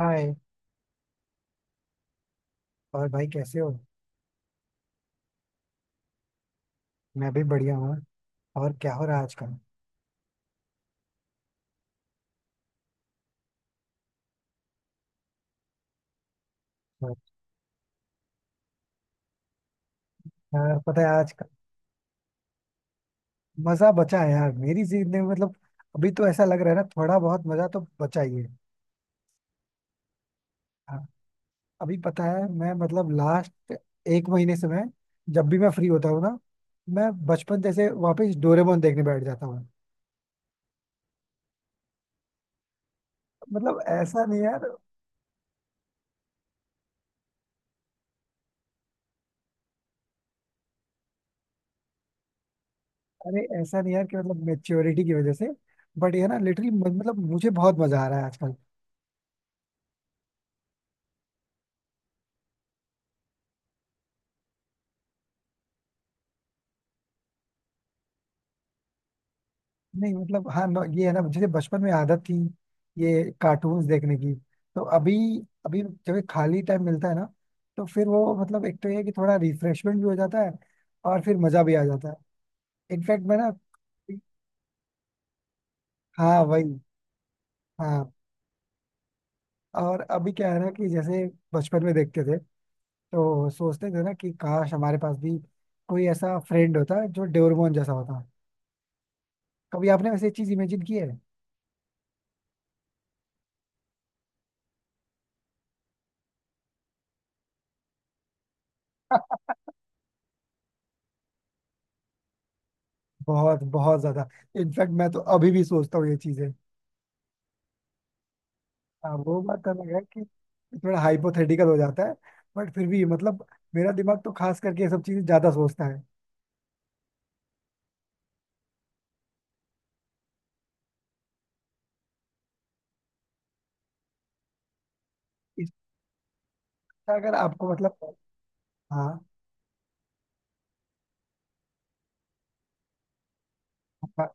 हाय। और भाई, कैसे हो? मैं भी बढ़िया हूँ। और क्या हो रहा है आजकल? यार, पता है आजकल मजा बचा है यार मेरी जिंदगी में मतलब अभी तो ऐसा लग रहा है ना, थोड़ा बहुत मजा तो बचा ही है। हाँ, अभी पता है मैं मतलब लास्ट एक महीने से, मैं जब भी मैं फ्री होता हूँ ना, मैं बचपन जैसे वापस डोरेमोन देखने बैठ जाता हूँ। मतलब ऐसा नहीं यार। अरे ऐसा नहीं यार कि मतलब मेच्योरिटी की वजह से, बट ये ना लिटरली मतलब मुझे बहुत मजा आ रहा है। नहीं मतलब, हाँ, ये है ना, जैसे बचपन में आदत थी ये कार्टून्स देखने की, तो अभी अभी जब ये खाली टाइम मिलता है ना, तो फिर वो मतलब एक तो ये है कि थोड़ा रिफ्रेशमेंट भी हो जाता है और फिर मजा भी आ जाता है। इनफैक्ट मैं ना, हाँ वही। हाँ, और अभी क्या है ना कि जैसे बचपन में देखते थे तो सोचते थे ना कि काश हमारे पास भी कोई ऐसा फ्रेंड होता जो डोरेमोन जैसा होता। कभी आपने वैसे चीज इमेजिन की है? बहुत बहुत ज्यादा। इनफैक्ट मैं तो अभी भी सोचता हूँ ये चीजें। हाँ, वो बात तो अलग है कि थोड़ा हाइपोथेटिकल हो जाता है, बट फिर भी मतलब मेरा दिमाग तो खास करके ये सब चीजें ज्यादा सोचता है। इसका, अगर आपको मतलब, हाँ। प-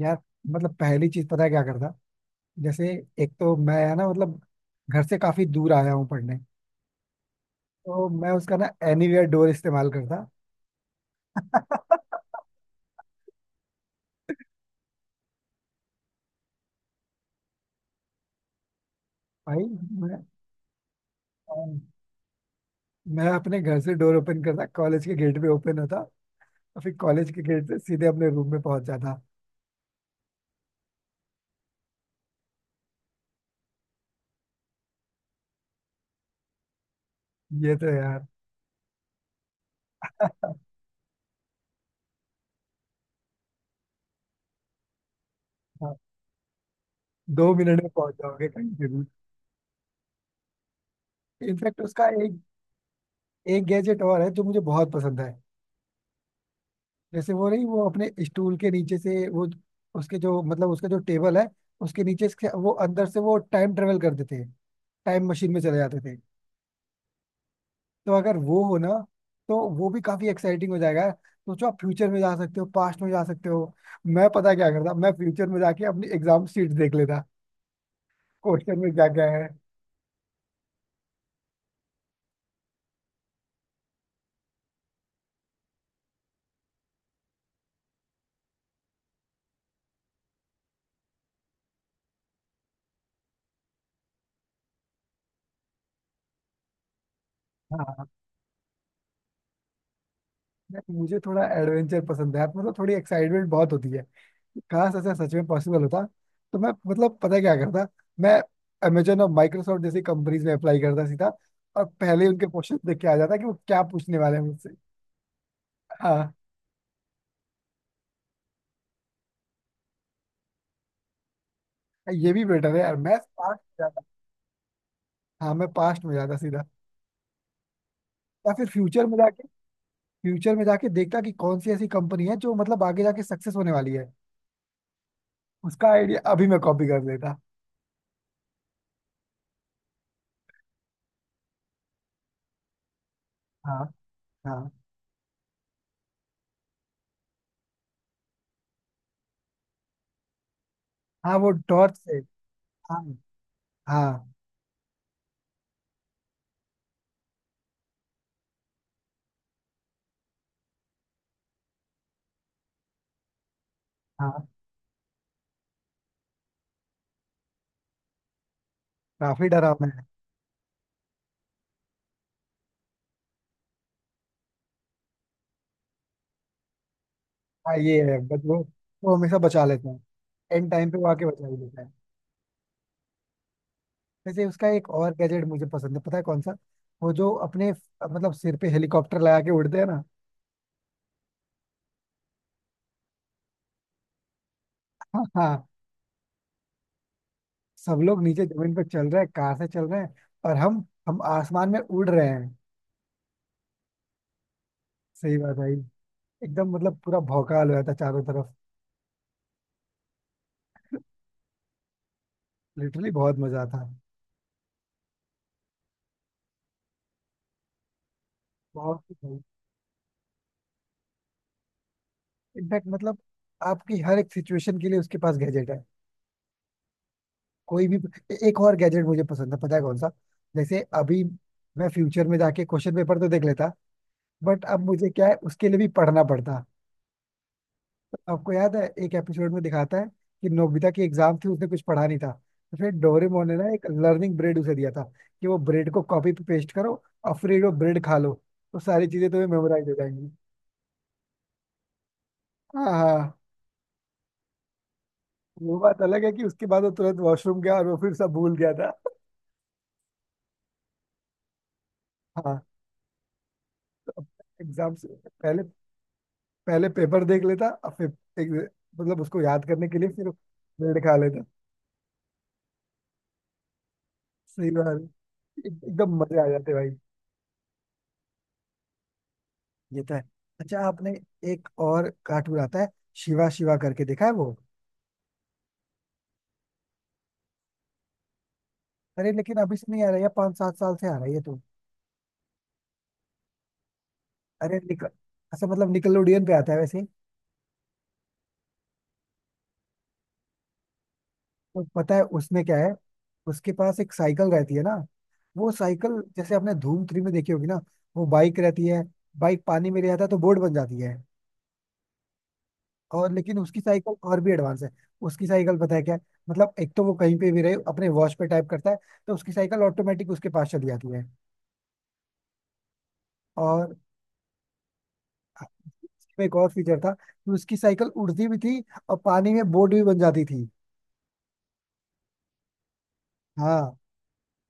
यार, मतलब पहली चीज पता है क्या करता? जैसे एक तो मैं है ना मतलब घर से काफी दूर आया हूँ पढ़ने, तो मैं उसका ना एनीवेयर डोर इस्तेमाल करता। भाई, मैं मैं अपने घर से डोर ओपन करता, कॉलेज के गेट पे ओपन होता और फिर कॉलेज के गेट से सीधे अपने रूम में पहुंच जाता। ये तो यार 2 मिनट में पहुंच जाओगे कहीं जरूर। इनफैक्ट उसका एक एक गैजेट और है जो मुझे बहुत पसंद है। जैसे वो नहीं, वो अपने स्टूल के नीचे से वो, उसके जो मतलब उसका जो टेबल है उसके नीचे से, वो अंदर से वो टाइम ट्रेवल करते थे, टाइम मशीन में चले जाते थे। तो अगर वो हो ना तो वो भी काफी एक्साइटिंग हो जाएगा। सोचो, आप फ्यूचर में जा सकते हो, पास्ट में जा सकते हो। मैं पता क्या करता, मैं फ्यूचर में जाके अपनी एग्जाम शीट देख लेता, क्वेश्चन में क्या क्या है। हाँ, मुझे थोड़ा एडवेंचर पसंद है, आप मतलब थोड़ी एक्साइटमेंट बहुत होती है। काश ऐसा सच में पॉसिबल होता, तो मैं मतलब पता है क्या करता, मैं अमेजन और माइक्रोसॉफ्ट जैसी कंपनीज में अप्लाई करता सीधा, और पहले ही उनके क्वेश्चन देख के आ जाता कि वो क्या पूछने वाले हैं मुझसे। हाँ, ये भी बेटर है यार, मैं पास्ट में जाता। हाँ, मैं पास्ट में जाता सीधा, या फिर फ्यूचर में जाके देखता कि कौन सी ऐसी कंपनी है जो मतलब आगे जाके सक्सेस होने वाली है, उसका आइडिया अभी मैं कॉपी कर लेता। हाँ, हाँ। हाँ, वो टॉर्च से। हाँ, हाँ। हाँ, काफी डरावना है। हाँ, ये है, बट वो हमेशा बचा लेते हैं। एंड टाइम पे वो आके बचा ही लेता है। वैसे उसका एक और गैजेट मुझे पसंद है, पता है कौन सा? वो जो अपने मतलब सिर पे हेलीकॉप्टर लगा के उड़ते हैं ना। हाँ, हाँ। सब लोग नीचे जमीन पे चल रहे हैं, कार से चल रहे हैं, और हम आसमान में उड़ रहे हैं। सही बात है। एकदम मतलब पूरा भौकाल हो जाता चारों तरफ, लिटरली बहुत मजा आता है। बहुत ही सही। इनफैक्ट मतलब आपकी हर एक सिचुएशन के लिए उसके पास गैजेट है, कोई भी। एक और गैजेट मुझे पसंद है, पता है कौन सा? जैसे अभी मैं फ्यूचर में जाके क्वेश्चन पेपर तो देख लेता, बट अब मुझे क्या है, उसके लिए भी पढ़ना पड़ता। आपको याद है एक एपिसोड में दिखाता है कि नोबिता की एग्जाम थी, उसने कुछ पढ़ा नहीं था, तो फिर डोरेमोन ने ना एक लर्निंग ब्रेड उसे दिया था, कि वो ब्रेड को कॉपी पे पेस्ट करो और फिर वो ब्रेड खा लो, तो सारी चीजें तुम्हें मेमोराइज हो जाएंगी। हाँ, हाँ। वो बात अलग है कि उसके बाद वो तुरंत वॉशरूम गया और वो फिर सब भूल गया था। हाँ, तो एग्जाम से पहले, पहले पेपर देख लेता और फिर एक, मतलब उसको याद करने के लिए फिर बिल्ड खा लेता। सही बात है। एकदम मजे आ जाते भाई। ये तो है। अच्छा, आपने एक और कार्टून आता है, शिवा शिवा करके, देखा है वो? अरे लेकिन अभी से नहीं आ रहा है, 5-7 साल से आ रहा है ये तो। अरे निकल, अच्छा मतलब निकलोडियन पे आता है वैसे। तो पता है उसमें क्या है? उसके पास एक साइकिल रहती है ना, वो साइकिल जैसे आपने धूम 3 में देखी होगी ना, वो बाइक रहती है, बाइक पानी में रह जाता है तो बोट बन जाती है। और लेकिन उसकी साइकिल और भी एडवांस है। उसकी साइकिल पता है क्या है? मतलब एक तो वो कहीं पे भी रहे, अपने वॉच पे टाइप करता है तो उसकी साइकिल ऑटोमेटिक उसके पास चली जाती है। और इसमें एक और फीचर था कि उसकी साइकिल उड़ती भी थी और पानी में बोट भी बन जाती थी। हाँ,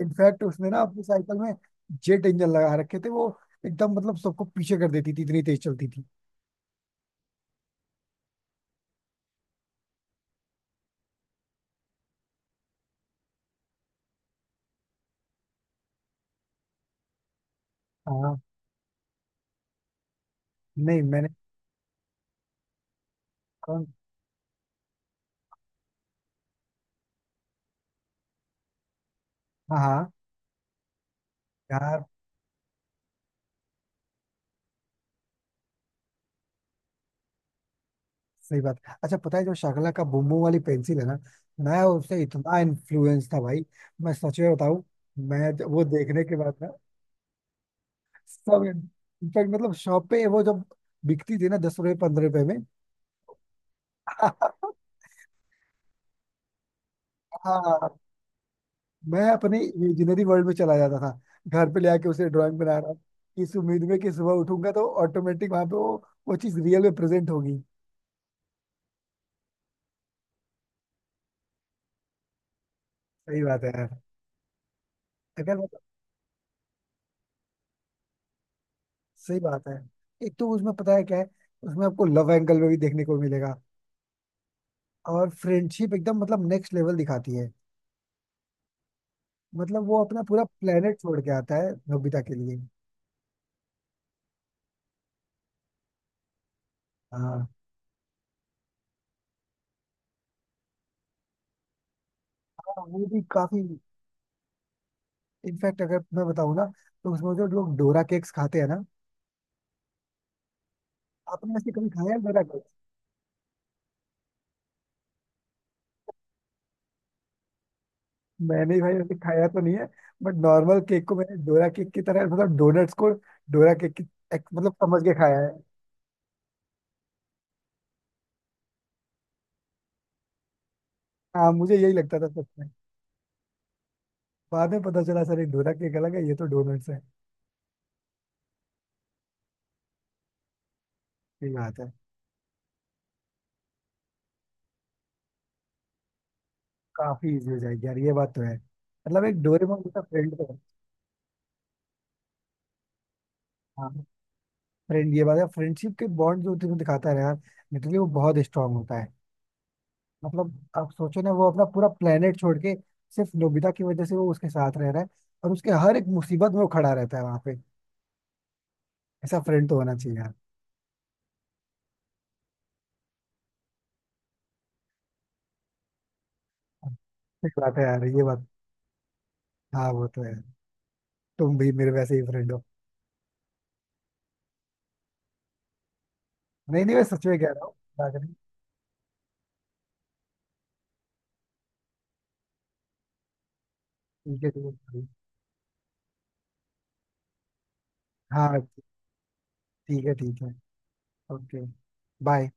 इनफैक्ट उसने ना अपनी साइकिल में जेट इंजन लगा रखे थे, वो एकदम मतलब सबको पीछे कर देती थी, इतनी तेज चलती थी। हाँ, नहीं मैंने। कौन? हाँ, हाँ। यार सही बात। अच्छा पता है, जो शाकला का बुम्बू वाली पेंसिल है ना, मैं उससे इतना इन्फ्लुएंस था भाई, मैं सच में बताऊं। मैं जब वो देखने के बाद ना, सब। इनफैक्ट मतलब शॉप पे वो जब बिकती थी ना 10 रुपए 15 रुपए में। हाँ, मैं अपने इमेजिनरी वर्ल्ड में चला जाता था, घर पे ले आके उसे ड्राइंग बना रहा हूँ इस उम्मीद में कि सुबह उठूंगा तो ऑटोमेटिक वहां पे वो चीज रियल में प्रेजेंट होगी। सही बात है यार। अगर मतलब। सही बात है। एक तो उसमें पता है क्या है, उसमें आपको लव एंगल में भी देखने को मिलेगा, और फ्रेंडशिप एकदम मतलब नेक्स्ट लेवल दिखाती है। मतलब वो अपना पूरा प्लेनेट छोड़ के आता है नोबिता के लिए। हाँ, हाँ, वो भी काफी। इनफैक्ट अगर मैं बताऊँ ना, तो उसमें जो लोग डोरा केक्स खाते हैं ना, आपने ऐसे कभी खाया है डोरा केक? मैंने भाई ऐसे खाया तो नहीं है, बट नॉर्मल केक को मैंने डोरा केक की तरह, मतलब डोनट्स को डोरा केक की मतलब समझ के खाया है। हाँ, मुझे यही लगता था सच में। बाद में पता चला सर ये डोरा केक अलग है, ये तो डोनट्स है। सही बात है। काफी इजी हो जाएगी यार, ये बात तो है, मतलब एक डोरेमोन जैसा फ्रेंड। हाँ, फ्रेंड ये बात है, फ्रेंडशिप के बॉन्ड जो तुम्हें दिखाता है ना यार, लिटरली वो बहुत स्ट्रांग होता है। मतलब आप सोचो ना, वो अपना पूरा प्लेनेट छोड़ के सिर्फ नोबिता की वजह से वो उसके साथ रह रहा है, और उसके हर एक मुसीबत में वो खड़ा रहता है वहां पे। ऐसा फ्रेंड तो होना चाहिए यार। सही बात है यार, ये बात। हाँ, वो तो है, तुम भी मेरे वैसे ही फ्रेंड हो। नहीं नहीं, मैं सच में कह रहा हूँ, बात नहीं। ठीक है, ठीक है। हाँ, ठीक है, ठीक है। Okay, bye.